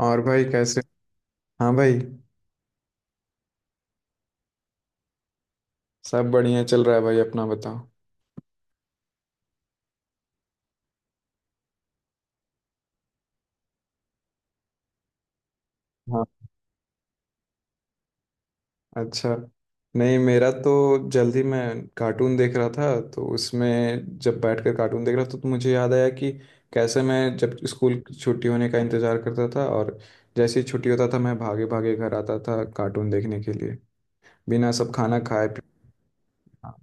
और भाई कैसे? हाँ भाई। सब बढ़िया चल रहा है भाई, अपना बताओ। हाँ। अच्छा। नहीं, मेरा तो जल्दी मैं कार्टून देख रहा था। तो उसमें जब बैठकर कार्टून देख रहा था तो मुझे याद आया कि कैसे मैं जब स्कूल की छुट्टी होने का इंतज़ार करता था, और जैसे ही छुट्टी होता था मैं भागे भागे घर आता था कार्टून देखने के लिए बिना सब खाना खाए पिए। हाँ,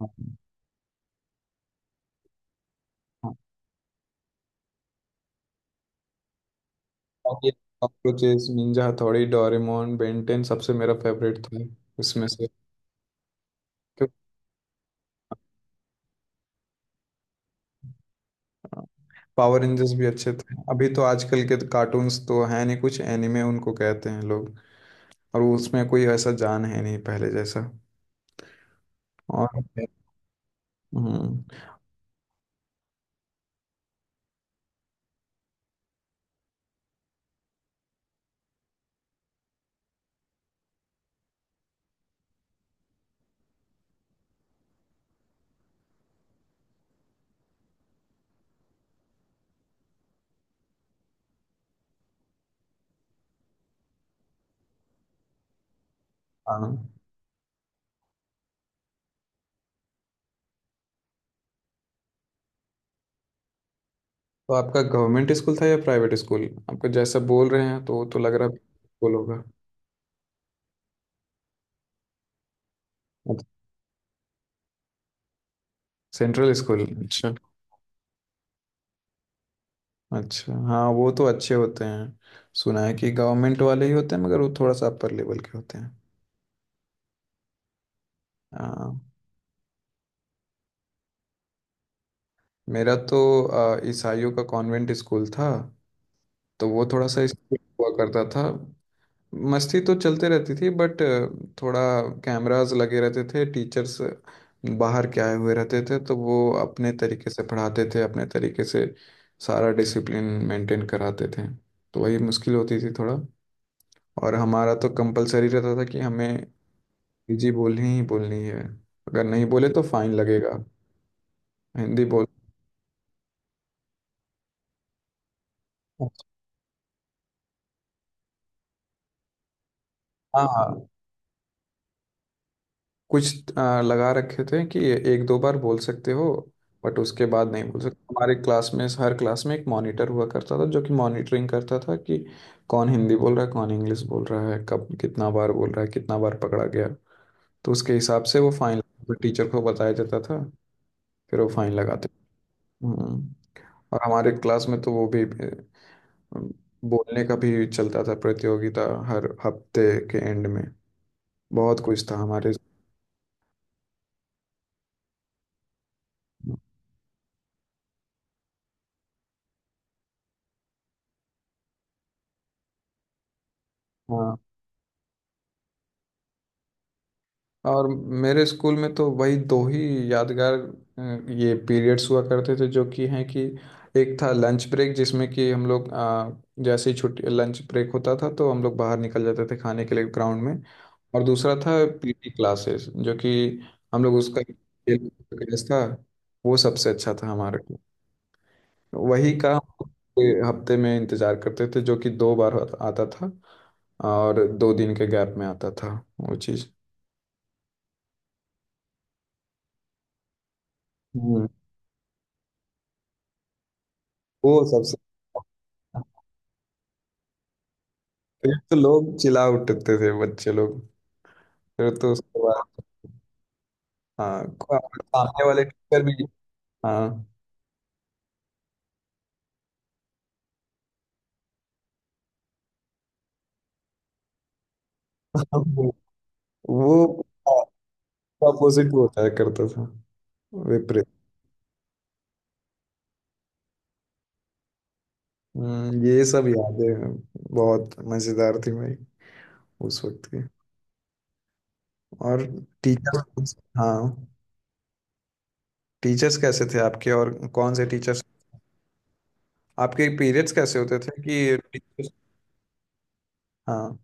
हाँ, हाँ। और ये cockroaches, Ninja Hattori, Doraemon, Ben Ten सबसे मेरा फेवरेट था उसमें से। तो पावर रेंजर्स भी अच्छे थे। अभी तो आजकल के तो कार्टून्स तो हैं नहीं, कुछ एनिमे उनको कहते हैं लोग, और उसमें कोई ऐसा जान है नहीं पहले जैसा। और हम्म। हाँ। तो आपका गवर्नमेंट स्कूल था या प्राइवेट स्कूल? आपको जैसा बोल रहे हैं तो वो तो लग रहा है स्कूल होगा। सेंट्रल स्कूल, अच्छा। अच्छा, हाँ, वो तो अच्छे होते हैं। सुना है कि गवर्नमेंट वाले ही होते हैं मगर वो थोड़ा सा अपर लेवल के होते हैं। हाँ। मेरा तो ईसाइयों का कॉन्वेंट स्कूल था। तो वो थोड़ा सा इसलिए हुआ करता था। मस्ती तो चलते रहती थी बट थोड़ा कैमरास लगे रहते थे, टीचर्स बाहर के आए हुए रहते थे, तो वो अपने तरीके से पढ़ाते थे, अपने तरीके से सारा डिसिप्लिन मेंटेन कराते थे। तो वही मुश्किल होती थी थोड़ा। और हमारा तो कंपलसरी रहता था कि हमें हिंदी बोलनी ही बोलनी है। अगर नहीं बोले तो फाइन लगेगा हिंदी बोल। हाँ, हाँ। कुछ लगा रखे थे कि एक दो बार बोल सकते हो बट उसके बाद नहीं बोल सकते। हमारे क्लास में, हर क्लास में एक मॉनिटर हुआ करता था जो कि मॉनिटरिंग करता था कि कौन हिंदी बोल रहा है, कौन इंग्लिश बोल रहा है, कब कितना बार बोल रहा है, कितना बार पकड़ा गया। तो उसके हिसाब से वो फाइन टीचर को बताया जाता था, फिर वो फाइन लगाते। हम्म। और हमारे क्लास में तो वो भी बोलने का भी चलता था प्रतियोगिता हर हफ्ते के एंड में। बहुत कुछ था हमारे। हाँ। और मेरे स्कूल में तो वही दो ही यादगार अ, ये पीरियड्स हुआ करते थे जो कि हैं कि एक था लंच ब्रेक, जिसमें कि हम लोग जैसे ही छुट्टी लंच ब्रेक होता था तो हम लोग बाहर निकल जाते थे खाने के लिए ग्राउंड में। और दूसरा था पीटी क्लासेस, जो कि हम लोग उसका खेल क्लास था। वो सबसे अच्छा था हमारे को। वही का हम पूरे हफ्ते में इंतजार करते थे, जो कि दो बार आता आता था, और दो दिन के गैप में आता था वो चीज़। वो सबसे। फिर तो लोग चिल्ला उठते थे, बच्चे लोग, फिर तो उसके बाद। हाँ। सामने वाले टीचर भी। हाँ। वो अपोजिट होता है करता था, विपरीत। ये सब यादें बहुत मजेदार थी भाई, उस वक्त की। और टीचर्स, हाँ, टीचर्स कैसे थे आपके, और कौन से टीचर्स आपके पीरियड्स कैसे होते थे कि टीचर्स? हाँ,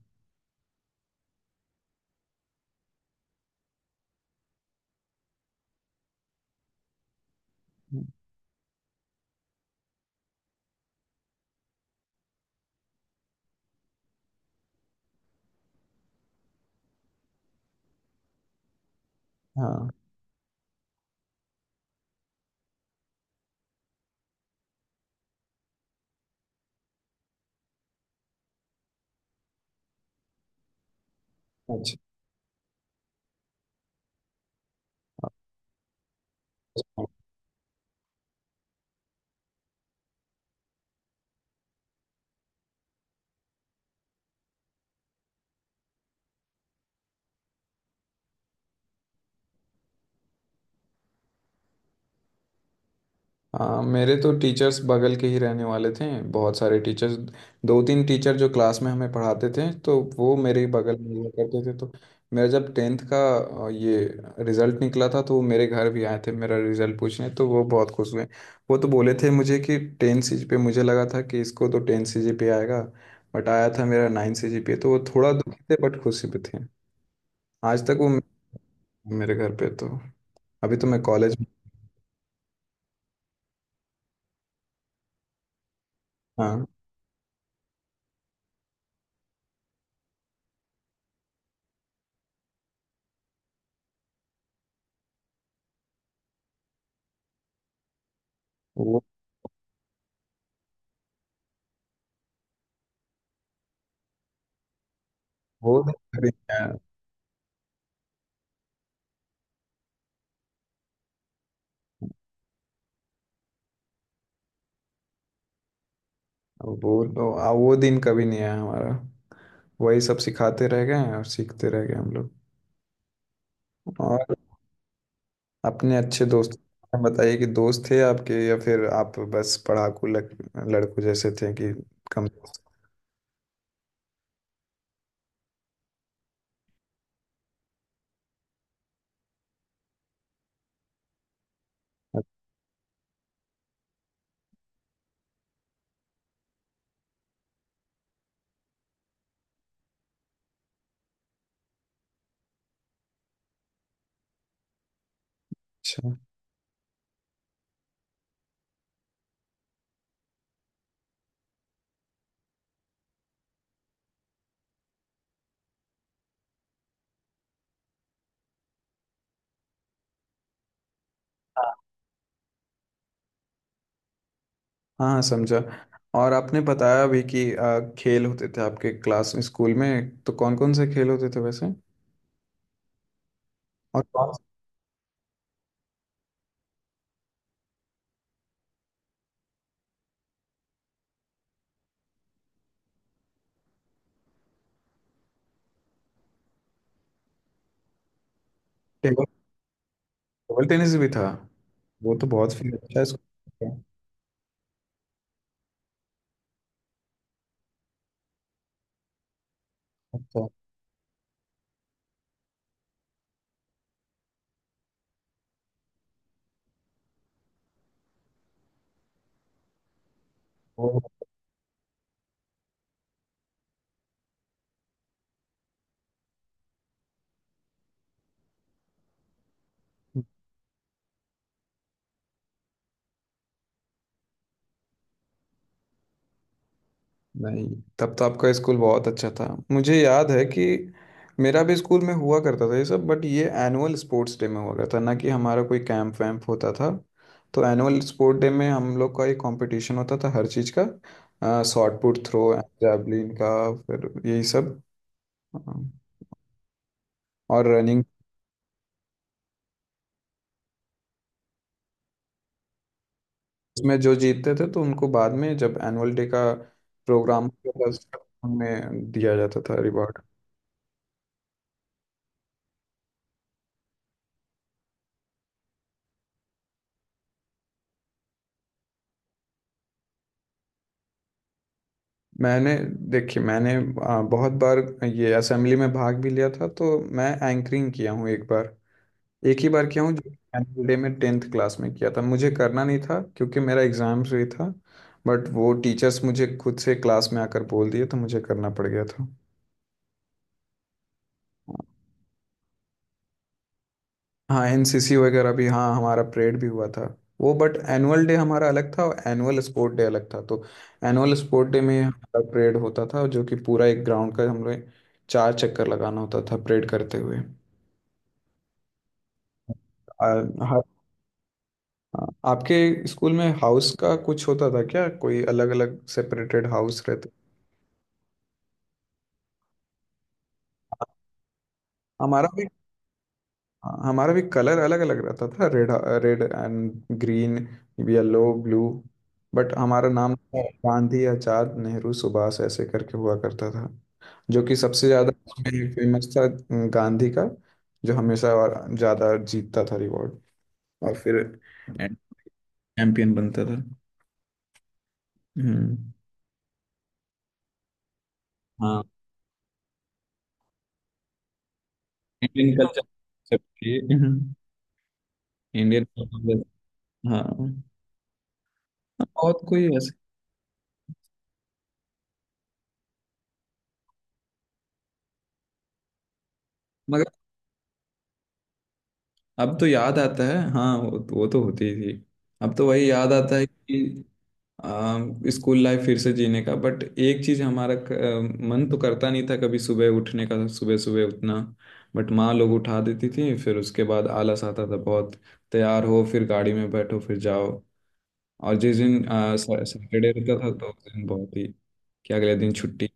हाँ। अच्छा। हाँ। मेरे तो टीचर्स बगल के ही रहने वाले थे, बहुत सारे टीचर्स। दो तीन टीचर जो क्लास में हमें पढ़ाते थे तो वो मेरे ही बगल में हुआ करते थे। तो मेरा जब टेंथ का ये रिजल्ट निकला था तो वो मेरे घर भी आए थे मेरा रिजल्ट पूछने, तो वो बहुत खुश हुए। वो तो बोले थे मुझे कि टेन सी जी पे, मुझे लगा था कि इसको तो टेन सी जी पे आएगा, बट आया था मेरा नाइन सी जी पे। तो वो थोड़ा दुखी थे बट खुशी भी थे। आज तक वो मेरे घर पे तो अभी तो मैं कॉलेज में। हाँ। वो वो दिन। अब वो तो वो दिन कभी नहीं आया हमारा। वही सब सिखाते रह गए हैं और सीखते रह गए हम लोग। और अपने अच्छे दोस्त बताइए कि दोस्त थे आपके, या फिर आप बस लड़कों जैसे थे कि कम? अच्छा। हाँ, हाँ, समझा। और आपने बताया भी कि खेल होते थे आपके क्लास स्कूल में, तो कौन कौन से खेल होते थे वैसे? और कौन टेबल टेबल टेनिस भी था? वो तो बहुत फिर अच्छा स्कूल था। अच्छा। वो नहीं, तब तो आपका स्कूल बहुत अच्छा था। मुझे याद है कि मेरा भी स्कूल में हुआ करता था ये सब, बट ये एनुअल स्पोर्ट्स डे में हुआ करता था, ना कि हमारा कोई कैंप वैम्प होता था। तो एनुअल स्पोर्ट डे में हम लोग का एक कंपटीशन होता था हर चीज़ का, शॉट पुट थ्रो, जैवलिन का, फिर यही सब अ, और रनिंग, में जो जीतते थे तो उनको बाद में जब एनुअल डे का प्रोग्राम होता था, उनमें दिया जाता था रिवॉर्ड। मैंने, देखिए मैंने बहुत बार ये असेंबली में भाग भी लिया था, तो मैं एंकरिंग किया हूँ एक बार। एक ही बार किया हूँ, जो एनुअल डे में टेंथ क्लास में किया था। मुझे करना नहीं था क्योंकि मेरा एग्जाम्स भी था, बट वो टीचर्स मुझे खुद से क्लास में आकर बोल दिए तो मुझे करना पड़ गया था। हाँ, एनसीसी वगैरह भी, हाँ, हमारा परेड भी हुआ था। वो बट एनुअल डे हमारा अलग था और एनुअल स्पोर्ट डे अलग था। तो एनुअल स्पोर्ट डे में हमारा परेड होता था, जो कि पूरा एक ग्राउंड का हम लोग चार चक्कर लगाना होता था परेड करते हुए। आ, हर आपके स्कूल में हाउस का कुछ होता था क्या, कोई अलग अलग सेपरेटेड हाउस रहते? हमारा भी। हाँ, हमारा भी कलर अलग अलग रहता था, red, red and green, yellow, blue. But हमारा नाम था गांधी, आचार्य, नेहरू, सुभाष, ऐसे करके हुआ करता था। जो कि सबसे ज्यादा फेमस था गांधी का, जो हमेशा और ज्यादा जीतता था रिवॉर्ड, और फिर चैंपियन बनता था। हम्म। हाँ। Indian culture, Indian. हाँ। और कोई ऐसे। मगर अब तो याद आता है, हाँ, वो तो होती ही थी। अब तो वही याद आता है कि आ, स्कूल लाइफ फिर से जीने का। बट एक चीज हमारा मन तो करता नहीं था कभी सुबह उठने का, सुबह सुबह उठना। बट माँ लोग उठा देती थी, फिर उसके बाद आलस आता था बहुत, तैयार हो फिर गाड़ी में बैठो फिर जाओ। और जिस दिन सैटरडे रहता था तो उस दिन बहुत ही कि अगले दिन छुट्टी।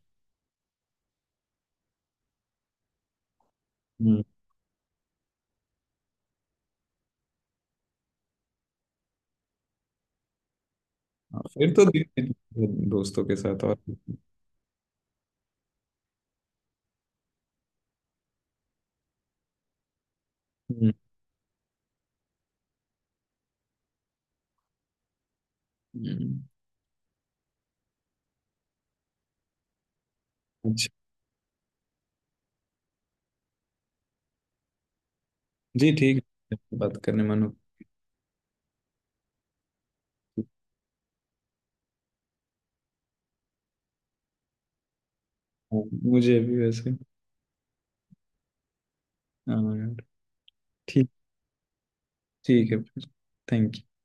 हम्म। हाँ, फिर तो दिन दिन दोस्तों के साथ और। हम्म। हम्म। अच्छा। जी ठीक है, बात करने मन हो। मुझे भी वैसे। हाँ यार। ठीक। ठीक है फिर। Thank you.